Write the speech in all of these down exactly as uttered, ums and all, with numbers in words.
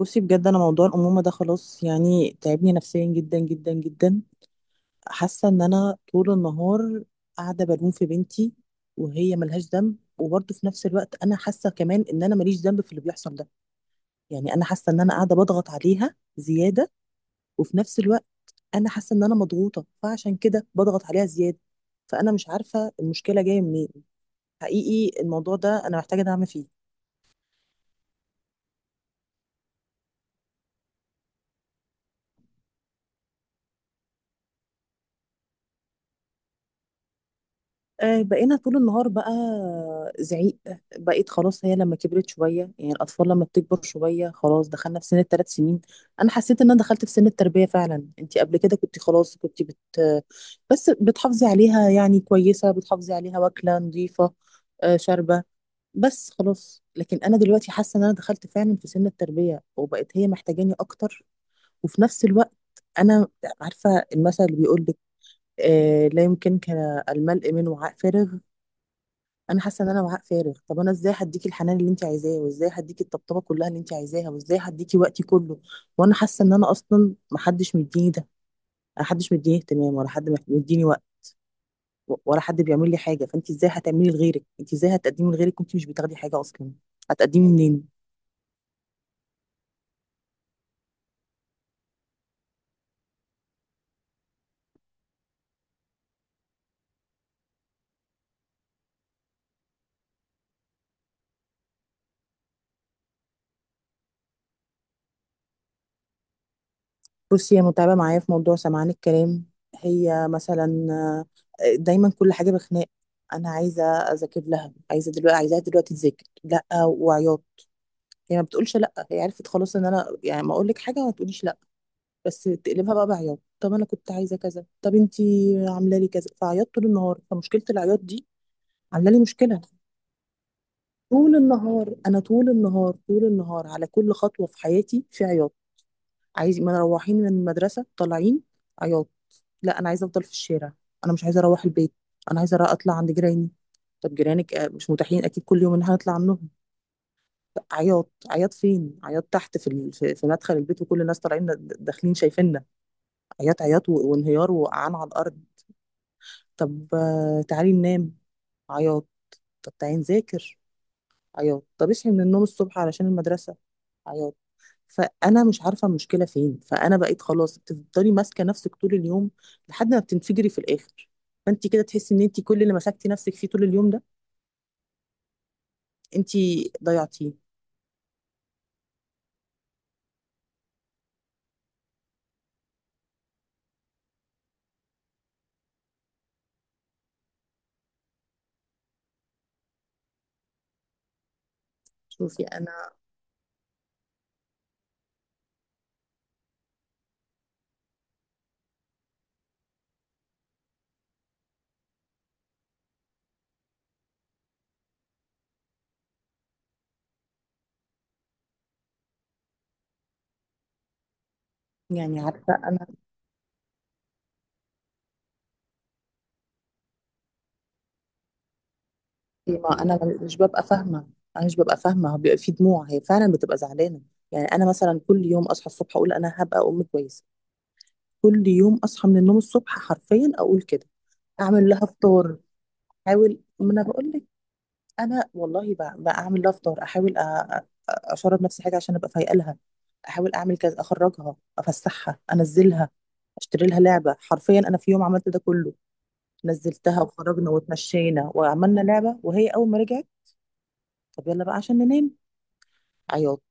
بصي، بجد انا موضوع الامومه ده خلاص، يعني تعبني نفسيا جدا جدا جدا. حاسه ان انا طول النهار قاعده بلوم في بنتي وهي ملهاش ذنب، وبرضه في نفس الوقت انا حاسه كمان ان انا ماليش ذنب في اللي بيحصل ده. يعني انا حاسه ان انا قاعده بضغط عليها زياده، وفي نفس الوقت انا حاسه ان انا مضغوطه، فعشان كده بضغط عليها زياده. فانا مش عارفه المشكله جايه منين. حقيقي الموضوع ده انا محتاجه دعم فيه. آه، بقينا طول النهار بقى زعيق. بقيت خلاص، هي لما كبرت شوية، يعني الأطفال لما بتكبر شوية خلاص دخلنا في سن الثلاث سنين. أنا حسيت إن أنا دخلت في سن التربية فعلا. أنت قبل كده كنت خلاص، كنت بت بس بتحافظي عليها، يعني كويسة، بتحافظي عليها واكلة نظيفة، آه، شاربة، بس خلاص. لكن أنا دلوقتي حاسة إن أنا دخلت فعلا في سن التربية، وبقت هي محتاجاني أكتر. وفي نفس الوقت أنا عارفة المثل اللي بيقول لك آه، لا يمكنك الملء من وعاء فارغ. انا حاسه ان انا وعاء فارغ. طب انا ازاي هديكي الحنان اللي انت عايزاه، وازاي هديكي الطبطبه كلها اللي انت عايزاها، وازاي هديكي وقتي كله، وانا حاسه ان انا اصلا محدش مديني ده؟ محدش مديني اهتمام، ولا حد مديني وقت، ولا حد بيعمل لي حاجه. فانت ازاي هتعملي لغيرك، انت ازاي هتقدمي لغيرك وانت مش بتاخدي حاجه اصلا؟ هتقدمي منين؟ بصي، هي متعبه معايا في موضوع سمعان الكلام. هي مثلا آه، دايما كل حاجه بخناق. انا عايزه اذاكر لها، عايزه دلوقتي، عايزاها دلوقتي تذاكر، لا وعياط. يعني ما بتقولش لا، هي عرفت خلاص ان انا يعني ما اقول لك حاجه ما تقوليش لا، بس تقلبها بقى بعياط. طب انا كنت عايزه كذا، طب انتي عامله لي كذا، فعيطت طول النهار. فمشكله العياط دي عامله لي مشكله. طول النهار، انا طول النهار طول النهار على كل خطوه في حياتي في عياط. عايز ما أنا روحين من المدرسه، طالعين، عياط. لا انا عايزه افضل في الشارع، انا مش عايزه اروح البيت، انا عايزه اطلع عند جيراني. طب جيرانك آه، مش متاحين اكيد كل يوم ان احنا نطلع عنهم. عياط، عياط، فين عياط، تحت في ال- في في مدخل البيت، وكل الناس طالعين د- داخلين شايفيننا. عياط، عياط و- وانهيار، وقعان على الارض. طب آه، تعالي ننام، عياط. طب تعالي نذاكر، عياط. طب اصحي من النوم الصبح علشان المدرسة، عياط. فانا مش عارفه المشكله فين. فانا بقيت خلاص بتفضلي ماسكه نفسك طول اليوم لحد ما بتنفجري في الاخر. فانت كده تحسي ان انت كل اللي مسكتي نفسك فيه طول اليوم ده انت ضيعتيه. شوفي انا يعني عارفه. إيه، ما انا مش ببقى فاهمه. انا مش ببقى فاهمه، هو بيبقى في دموع، هي فعلا بتبقى زعلانه. يعني انا مثلا كل يوم اصحى الصبح اقول انا هبقى ام كويسه. كل يوم اصحى من النوم الصبح حرفيا اقول كده. اعمل لها فطار. احاول، ما انا بقول لك. انا والله بقى, بقى اعمل لها فطار، احاول أ- أ- اشرب نفسي حاجه عشان ابقى فايقه لها. احاول اعمل كذا، اخرجها، افسحها، انزلها، اشتري لها لعبه. حرفيا انا في يوم عملت ده كله. نزلتها وخرجنا واتمشينا وعملنا لعبه، وهي اول ما رجعت طب يلا بقى عشان ننام، عياط.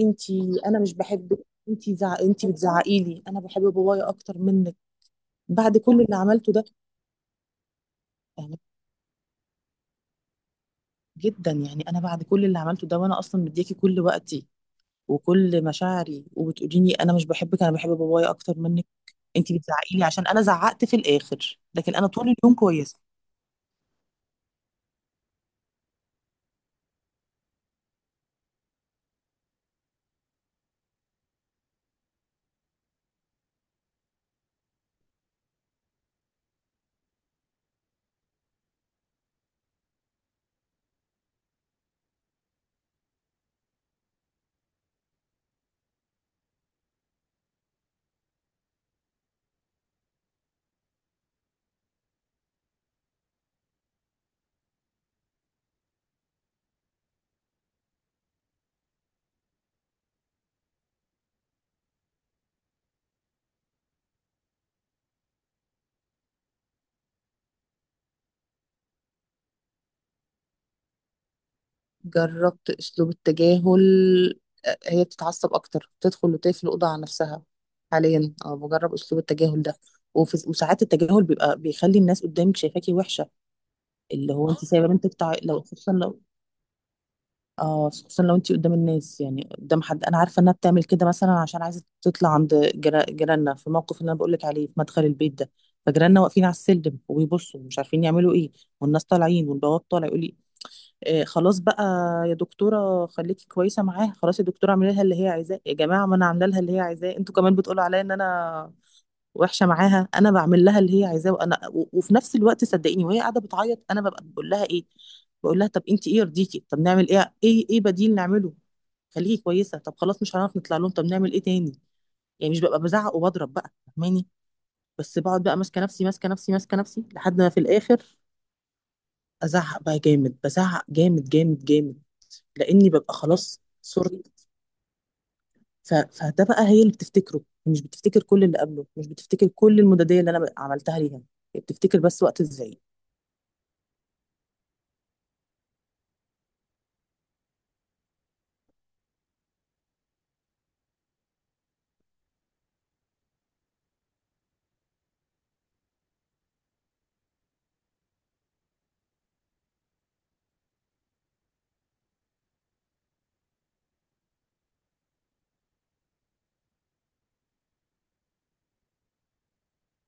انتي انا مش بحبك، انتي زع... انتي بتزعقي لي، انا بحب بابايا اكتر منك. بعد كل اللي عملته ده؟ يعني جدا، يعني انا بعد كل اللي عملته ده وانا اصلا مدياكي كل وقتي وكل مشاعري وبتقوليني انا مش بحبك، انا بحب بابايا اكتر منك. انتي بتزعقي لي عشان انا زعقت في الاخر، لكن انا طول اليوم كويسه. جربت اسلوب التجاهل. آه، هي بتتعصب اكتر، بتدخل وتقفل الاوضه على نفسها. حاليا اه بجرب اسلوب التجاهل ده. وفي وساعات التجاهل بيبقى بيخلي الناس قدامك شايفاكي وحشه. اللي هو انت سايبه بنتك تع... لو، خصوصا لو اه خصوصا لو انت قدام الناس، يعني قدام حد. انا عارفه انها بتعمل كده مثلا عشان عايزه تطلع عند جرا... جيراننا في الموقف اللي انا بقول لك عليه في مدخل البيت ده. فجيراننا واقفين على السلم وبيبصوا مش عارفين يعملوا ايه، والناس طالعين، والبواب طالع يقول لي إيه خلاص بقى، يا دكتورة خليكي كويسة معاها، خلاص يا دكتورة اعملي لها اللي هي عايزاه. يا جماعة، ما انا عاملة لها اللي هي عايزاه، انتوا كمان بتقولوا عليا ان انا وحشة معاها. انا بعمل لها اللي هي عايزاه، وانا و- وفي نفس الوقت صدقيني، وهي قاعدة بتعيط انا ببقى بقول لها ايه؟ بقول لها طب انت ايه يرضيكي، طب نعمل ايه ايه ايه بديل نعمله، خليكي كويسة، طب خلاص مش هنعرف نطلع لهم، طب نعمل ايه تاني. يعني مش ببقى بزعق وبضرب بقى، فاهماني، بس بقعد بقى ماسكة نفسي ماسكة نفسي ماسكة نفسي لحد ما في الاخر ازعق بقى جامد، بزعق جامد جامد جامد، لاني ببقى خلاص صرت. ف... فده بقى هي اللي بتفتكره، مش بتفتكر كل اللي قبله، مش بتفتكر كل المدادية اللي انا بقى- عملتها ليها، هي بتفتكر بس وقت ازاي.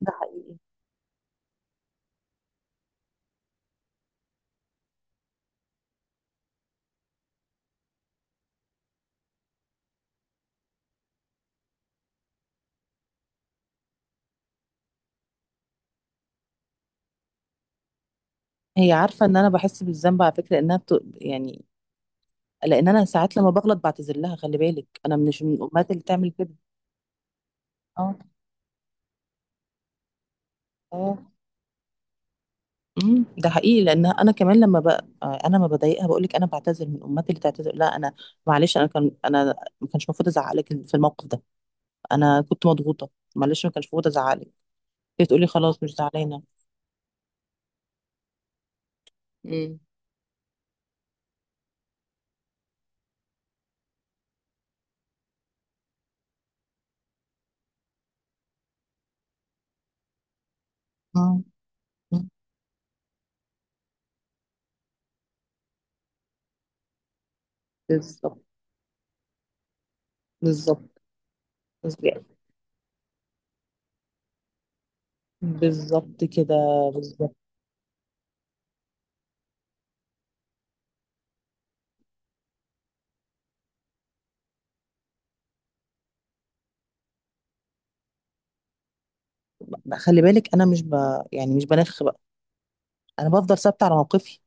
ده حقيقي. هي عارفة ان انا بحس بالذنب على فكرة، انها بت... يعني لان انا ساعات لما بغلط بعتذر لها. خلي بالك انا مش من الامهات اللي تعمل كده. اه. اه. امم ده حقيقي، لان انا كمان لما بقى انا ما بضايقها بقول لك انا بعتذر. من امهاتي اللي تعتذر؟ لا، انا معلش، انا كان انا ما كانش المفروض ازعق لك في الموقف ده، انا كنت مضغوطه، معلش ما كانش المفروض ازعق لك. بتقولي خلاص مش زعلانة. امم. مم. آه. بالظبط. بالظبط. بالظبط. بالظبط كده. بالظبط. ب- خلي بالك انا مش ب... يعني مش بنخ بقى، انا بفضل ثابته على موقفي.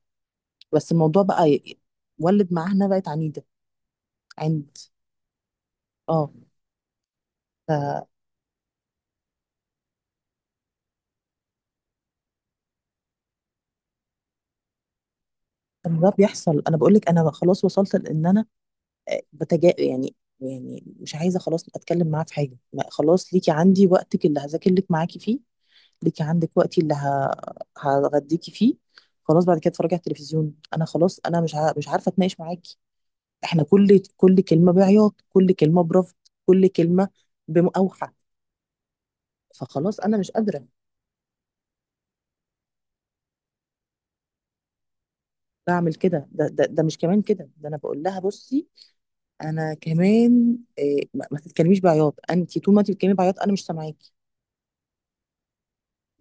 بس الموضوع بقى ي- ولد معانا، بقت عنيده، عند. اه. ف طب ده بيحصل. انا بقول لك انا خلاص وصلت لان انا آه، بتجا يعني يعني مش عايزه خلاص اتكلم معاه في حاجه، ما خلاص ليكي عندي وقتك اللي هذاكر لك معاكي فيه، ليكي عندك وقتي اللي ه... هغديكي فيه. خلاص بعد كده اتفرجي على التلفزيون، انا خلاص، انا مش ع... مش عارفه اتناقش معاكي. احنا كل كل كلمه بعياط، كل كلمه برفض، كل كلمه بأوحى. فخلاص انا مش قادره. بعمل كده. ده, ده ده مش كمان كده، ده انا بقول لها بصي، انا كمان إيه ما ما تتكلميش بعياط، انت طول ما انت بتتكلمي بعياط انا مش سامعاكي.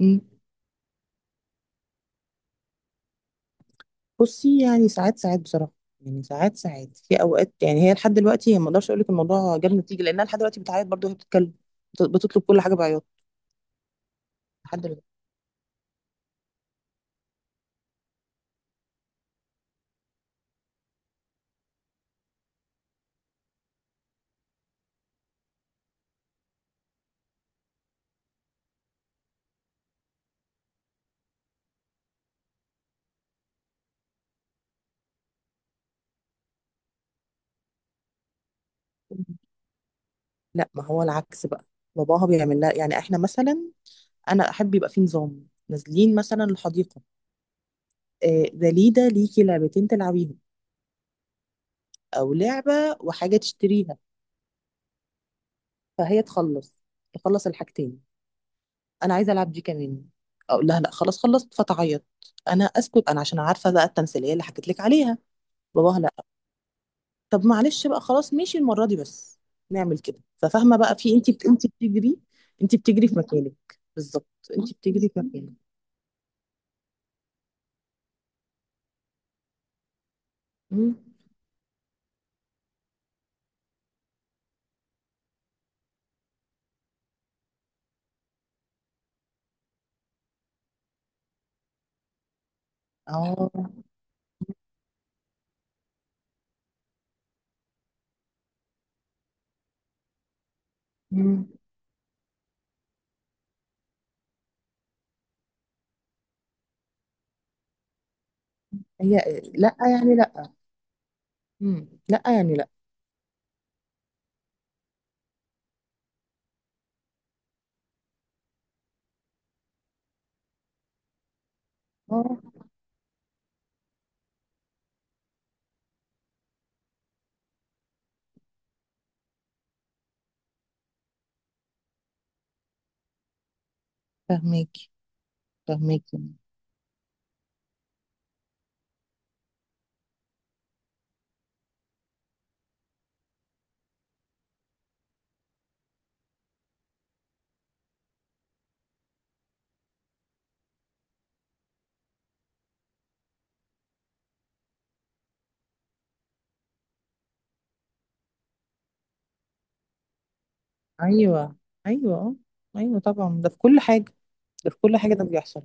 إمم. بصي يعني ساعات ساعات بصراحه، يعني ساعات ساعات في اوقات. يعني هي لحد دلوقتي، هي ما اقدرش اقول لك الموضوع جاب نتيجه لانها لحد دلوقتي بتعيط برضه وهي بتتكلم. بت- بتطلب كل حاجه بعياط لحد دلوقتي. لا، ما هو العكس بقى، باباها بيعمل لها. يعني احنا مثلا انا احب يبقى في نظام. نازلين مثلا الحديقه آه، دليده، ليكي لعبتين تلعبيهم او لعبه وحاجه تشتريها. فهي تخلص، تخلص الحاجتين. انا عايزه العب دي كمان. اقول لها لا خلاص خلصت، فتعيط. انا اسكت انا، عشان عارفه بقى التمثيليه اللي حكيت لك عليها. باباها لا، طب معلش بقى خلاص ماشي المره دي بس، نعمل كده. ففاهمه بقى في، انت بت... انت بتجري، انت بتجري في مكانك بالظبط، انت بتجري في مكانك. مم. اه. مم. هي لا يعني لا. مم. لا يعني لا. اه. فاهماكي. فاهماكي. ايوه، ايوه، ايوه، طبعا، ده في كل حاجه، ده في كل حاجه، ده بيحصل.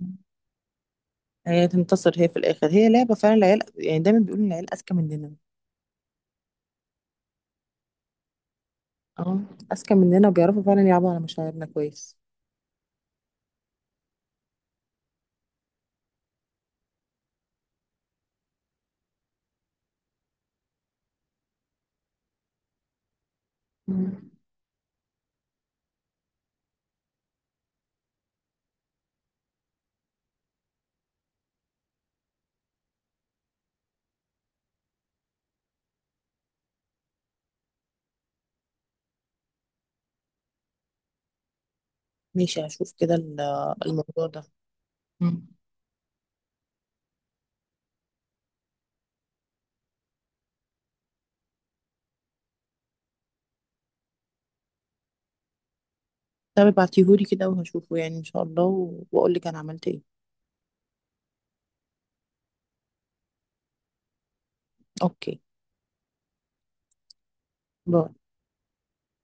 مم. هي تنتصر هي في الاخر، هي لعبه فعلا. العيال يعني دايما بيقولوا ان العيال اذكى مننا. اه. اذكى مننا وبيعرفوا فعلا يلعبوا على مشاعرنا كويس. مم. ماشي، هشوف كده ال- الموضوع ده. مم. طب ابعتيهولي كده وهشوفه يعني ان شاء الله و- واقولك انا عملت ايه. اوكي باي.